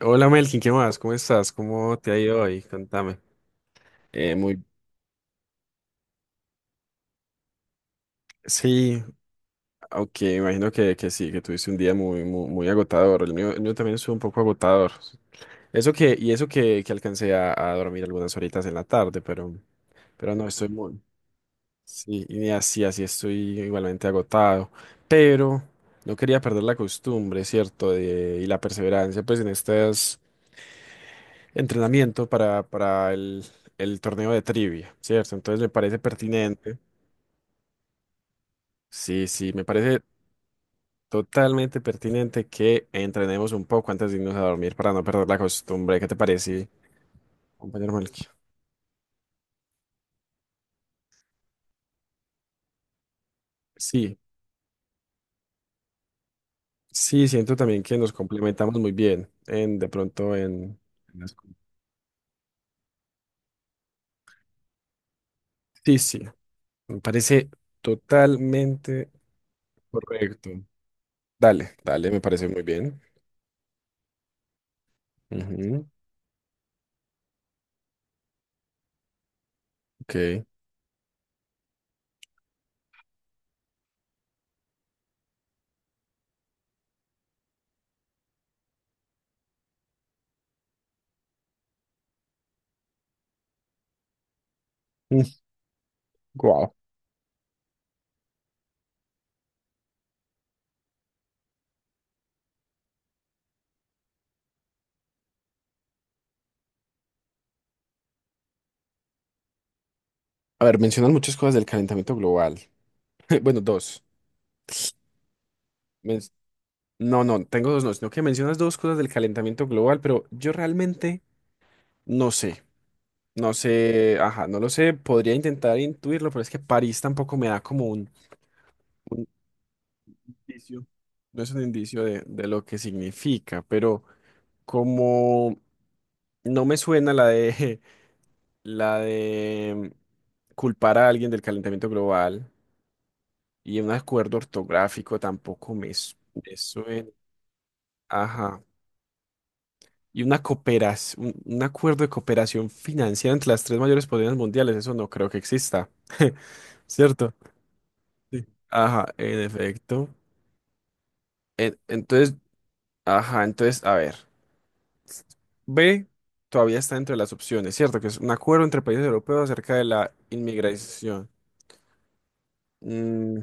Hola Melkin, ¿qué más? ¿Cómo estás? ¿Cómo te ha ido hoy? Contame. Eh, muy, Sí, aunque imagino que sí, que tuviste un día muy, muy, muy agotador. El mío también estuvo un poco agotador. Eso que, y eso que alcancé a dormir algunas horitas en la tarde, pero no, estoy muy. Sí, y así, así estoy igualmente agotado. Pero no quería perder la costumbre, ¿cierto? De, y la perseverancia, pues en estos entrenamientos para el torneo de trivia, ¿cierto? Entonces me parece pertinente. Sí, sí, me parece totalmente pertinente que entrenemos un poco antes de irnos a dormir para no perder la costumbre. ¿Qué te parece, compañero Melqui? Sí, sí, siento también que nos complementamos muy bien en de pronto en... en las- Sí, sí, me parece totalmente correcto. Dale, dale, me parece muy bien. Ujú, ok. Wow. A ver, mencionan muchas cosas del calentamiento global. Bueno, dos. Men- No, no, tengo dos no, sino que mencionas dos cosas del calentamiento global, pero yo realmente no sé, no sé, ajá, no lo sé, podría intentar intuirlo, pero es que París tampoco me da como un indicio, no es un indicio de lo que significa, pero como no me suena la de, la de culpar a alguien del calentamiento global y un acuerdo ortográfico tampoco me, me suena, ajá. Y una cooperación, un, acuerdo de cooperación financiera entre las tres mayores potencias mundiales, eso no creo que exista. ¿Cierto? Sí. Ajá, en efecto. Entonces, ajá, entonces, a ver. B todavía está dentro de las opciones, ¿cierto? Que es un acuerdo entre países europeos acerca de la inmigración. Mm,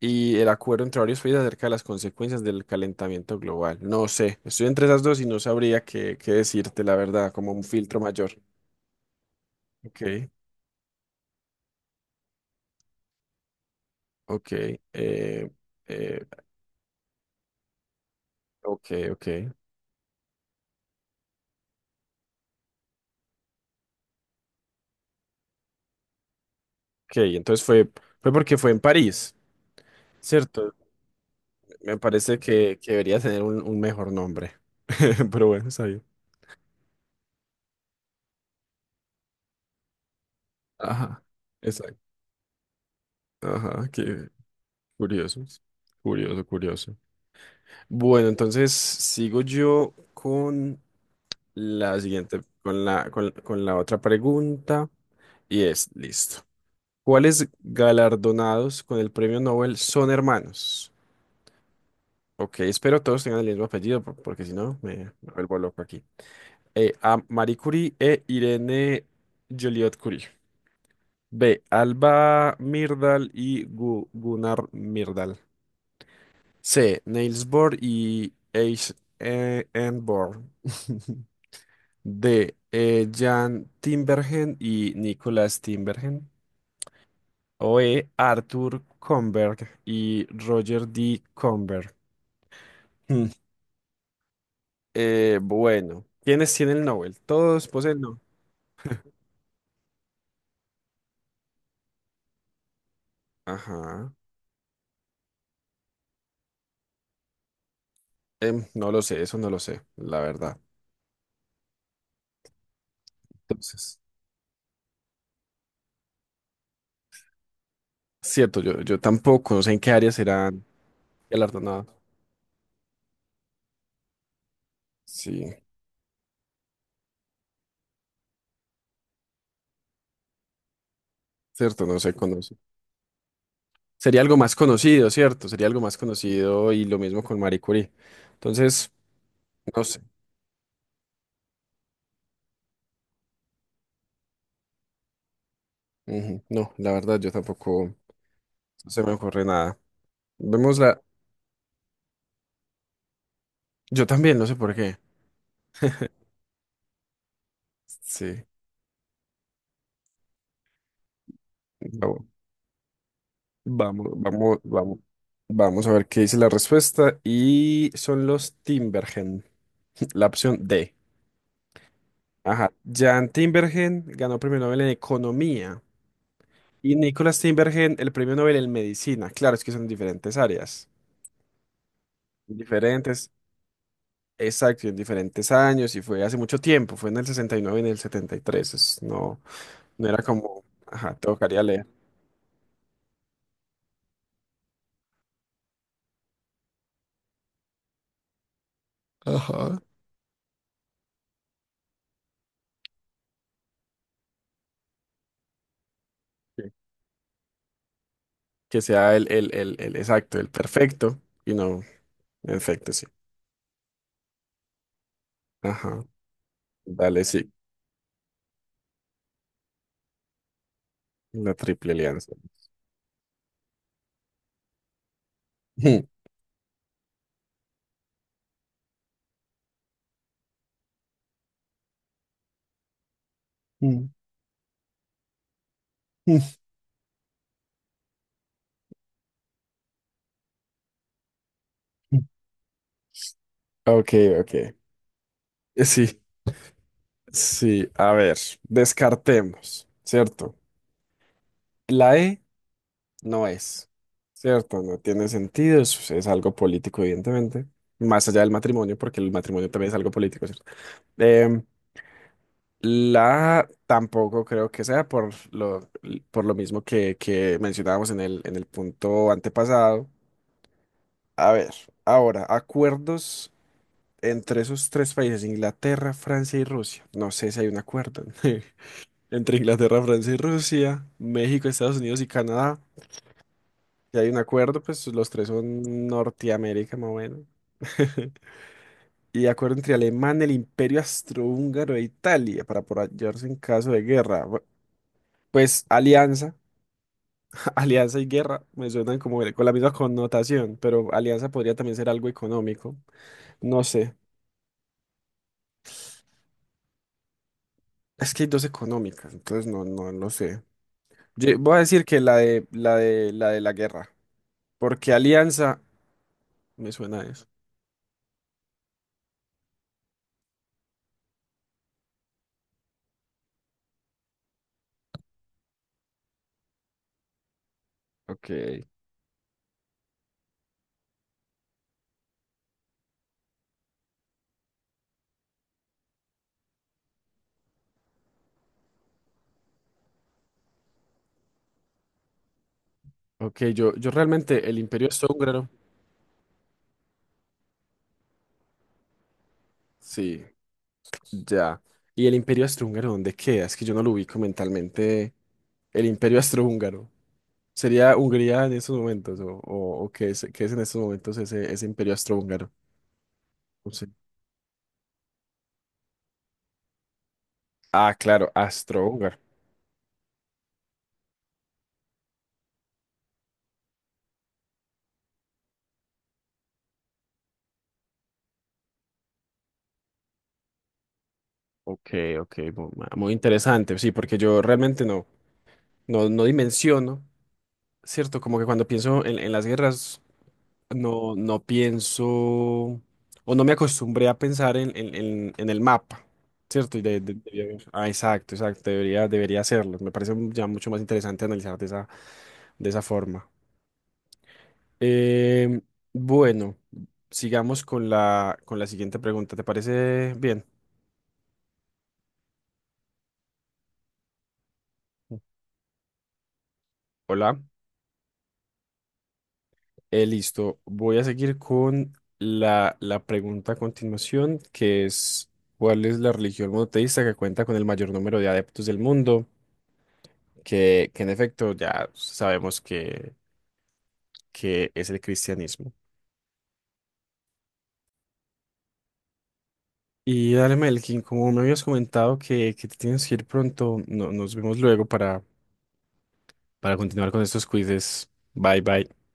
y el acuerdo entre varios países acerca de las consecuencias del calentamiento global. No sé, estoy entre esas dos y no sabría qué, qué decirte, la verdad, como un filtro mayor. Ok. Ok, eh, ok, ok. Ok, entonces fue, fue porque fue en París, ¿cierto? Me parece que debería tener un mejor nombre. Pero bueno, está bien. Ajá, exacto. Ajá, qué curioso. Curioso, curioso. Bueno, entonces sigo yo con la siguiente, con la otra pregunta. Y es, listo. ¿Cuáles galardonados con el premio Nobel son hermanos? Ok, espero todos tengan el mismo apellido, porque si no, me vuelvo loco aquí. A. Marie Curie e Irene Joliot Curie. B. Alba Myrdal y Gunnar Myrdal. C. Niels Bohr y H. E, N. Bohr. D. Jan Timbergen y Nicholas Timbergen. O E. Arthur Comberg y Roger D. Comberg. Bueno, ¿quiénes tienen el Nobel? Todos poseen. Ajá. Em, no lo sé, eso no lo sé, la verdad. Entonces, cierto, yo tampoco, no sé en qué áreas serán galardonados. Sí, cierto, no se conoce. Sería algo más conocido, ¿cierto? Sería algo más conocido y lo mismo con Marie Curie. Entonces, no sé. Ujú, no, la verdad, yo tampoco no se me ocurre nada. Vemos la. Yo también, no sé por qué. Sí. Vamos, vamos, vamos, vamos. Vamos a ver qué dice la respuesta. Y son los Timbergen, la opción D. Ajá. Jan Timbergen ganó premio Nobel en Economía y Nicholas Timbergen el premio Nobel en Medicina. Claro, es que son diferentes áreas. Diferentes, exacto, y en diferentes años y fue hace mucho tiempo, fue en el 69 y en el 73. No, no era como, ajá, tocaría leer. Ajá. Sí. Que sea el exacto, el perfecto y no, el efecto, sí. Ajá. Dale, sí, la triple alianza. Ok, ok. Sí. Sí, a ver, descartemos, ¿cierto? La E no es, ¿cierto? No tiene sentido, es algo político, evidentemente, más allá del matrimonio, porque el matrimonio también es algo político, ¿cierto? Em, la A tampoco creo que sea por lo mismo que mencionábamos en el punto antepasado. A ver, ahora, acuerdos entre esos tres países, Inglaterra, Francia y Rusia. No sé si hay un acuerdo. Entre Inglaterra, Francia y Rusia, México, Estados Unidos y Canadá. Si hay un acuerdo, pues los tres son Norteamérica, más o menos. Y acuerdo entre Alemania, el Imperio Austrohúngaro e Italia para apoyarse en caso de guerra. Pues alianza, alianza y guerra me suenan como con la misma connotación, pero alianza podría también ser algo económico. No sé. Es que hay dos económicas, entonces no, no lo sé. Yo voy a decir que la de la de la de la guerra, porque alianza me suena a eso. Ok, ok, yo realmente el Imperio Austrohúngaro, sí, ya. ¿Y el Imperio Austrohúngaro dónde queda? Es que yo no lo ubico mentalmente. El Imperio Austrohúngaro. ¿Sería Hungría en esos momentos? O qué es en estos momentos ese, ese Imperio Austrohúngaro? No sé. Ah, claro, Austrohúngaro. Ok, ok, muy interesante, sí, porque yo realmente no, no, no dimensiono, ¿cierto? Como que cuando pienso en las guerras. No, no pienso o no me acostumbré a pensar en, en el mapa, ¿cierto? Y debía ah, exacto, exacto, debería, debería hacerlo. Me parece ya mucho más interesante analizar de esa forma. Em, bueno, sigamos con la siguiente pregunta. ¿Te parece bien? Hola. Listo. Voy a seguir con la, la pregunta a continuación, que es, ¿cuál es la religión monoteísta que cuenta con el mayor número de adeptos del mundo? Que en efecto ya sabemos que es el cristianismo. Y dale, Melkin, como me habías comentado que te tienes que ir pronto, nos vemos luego para continuar con estos quizzes. Bye, bye.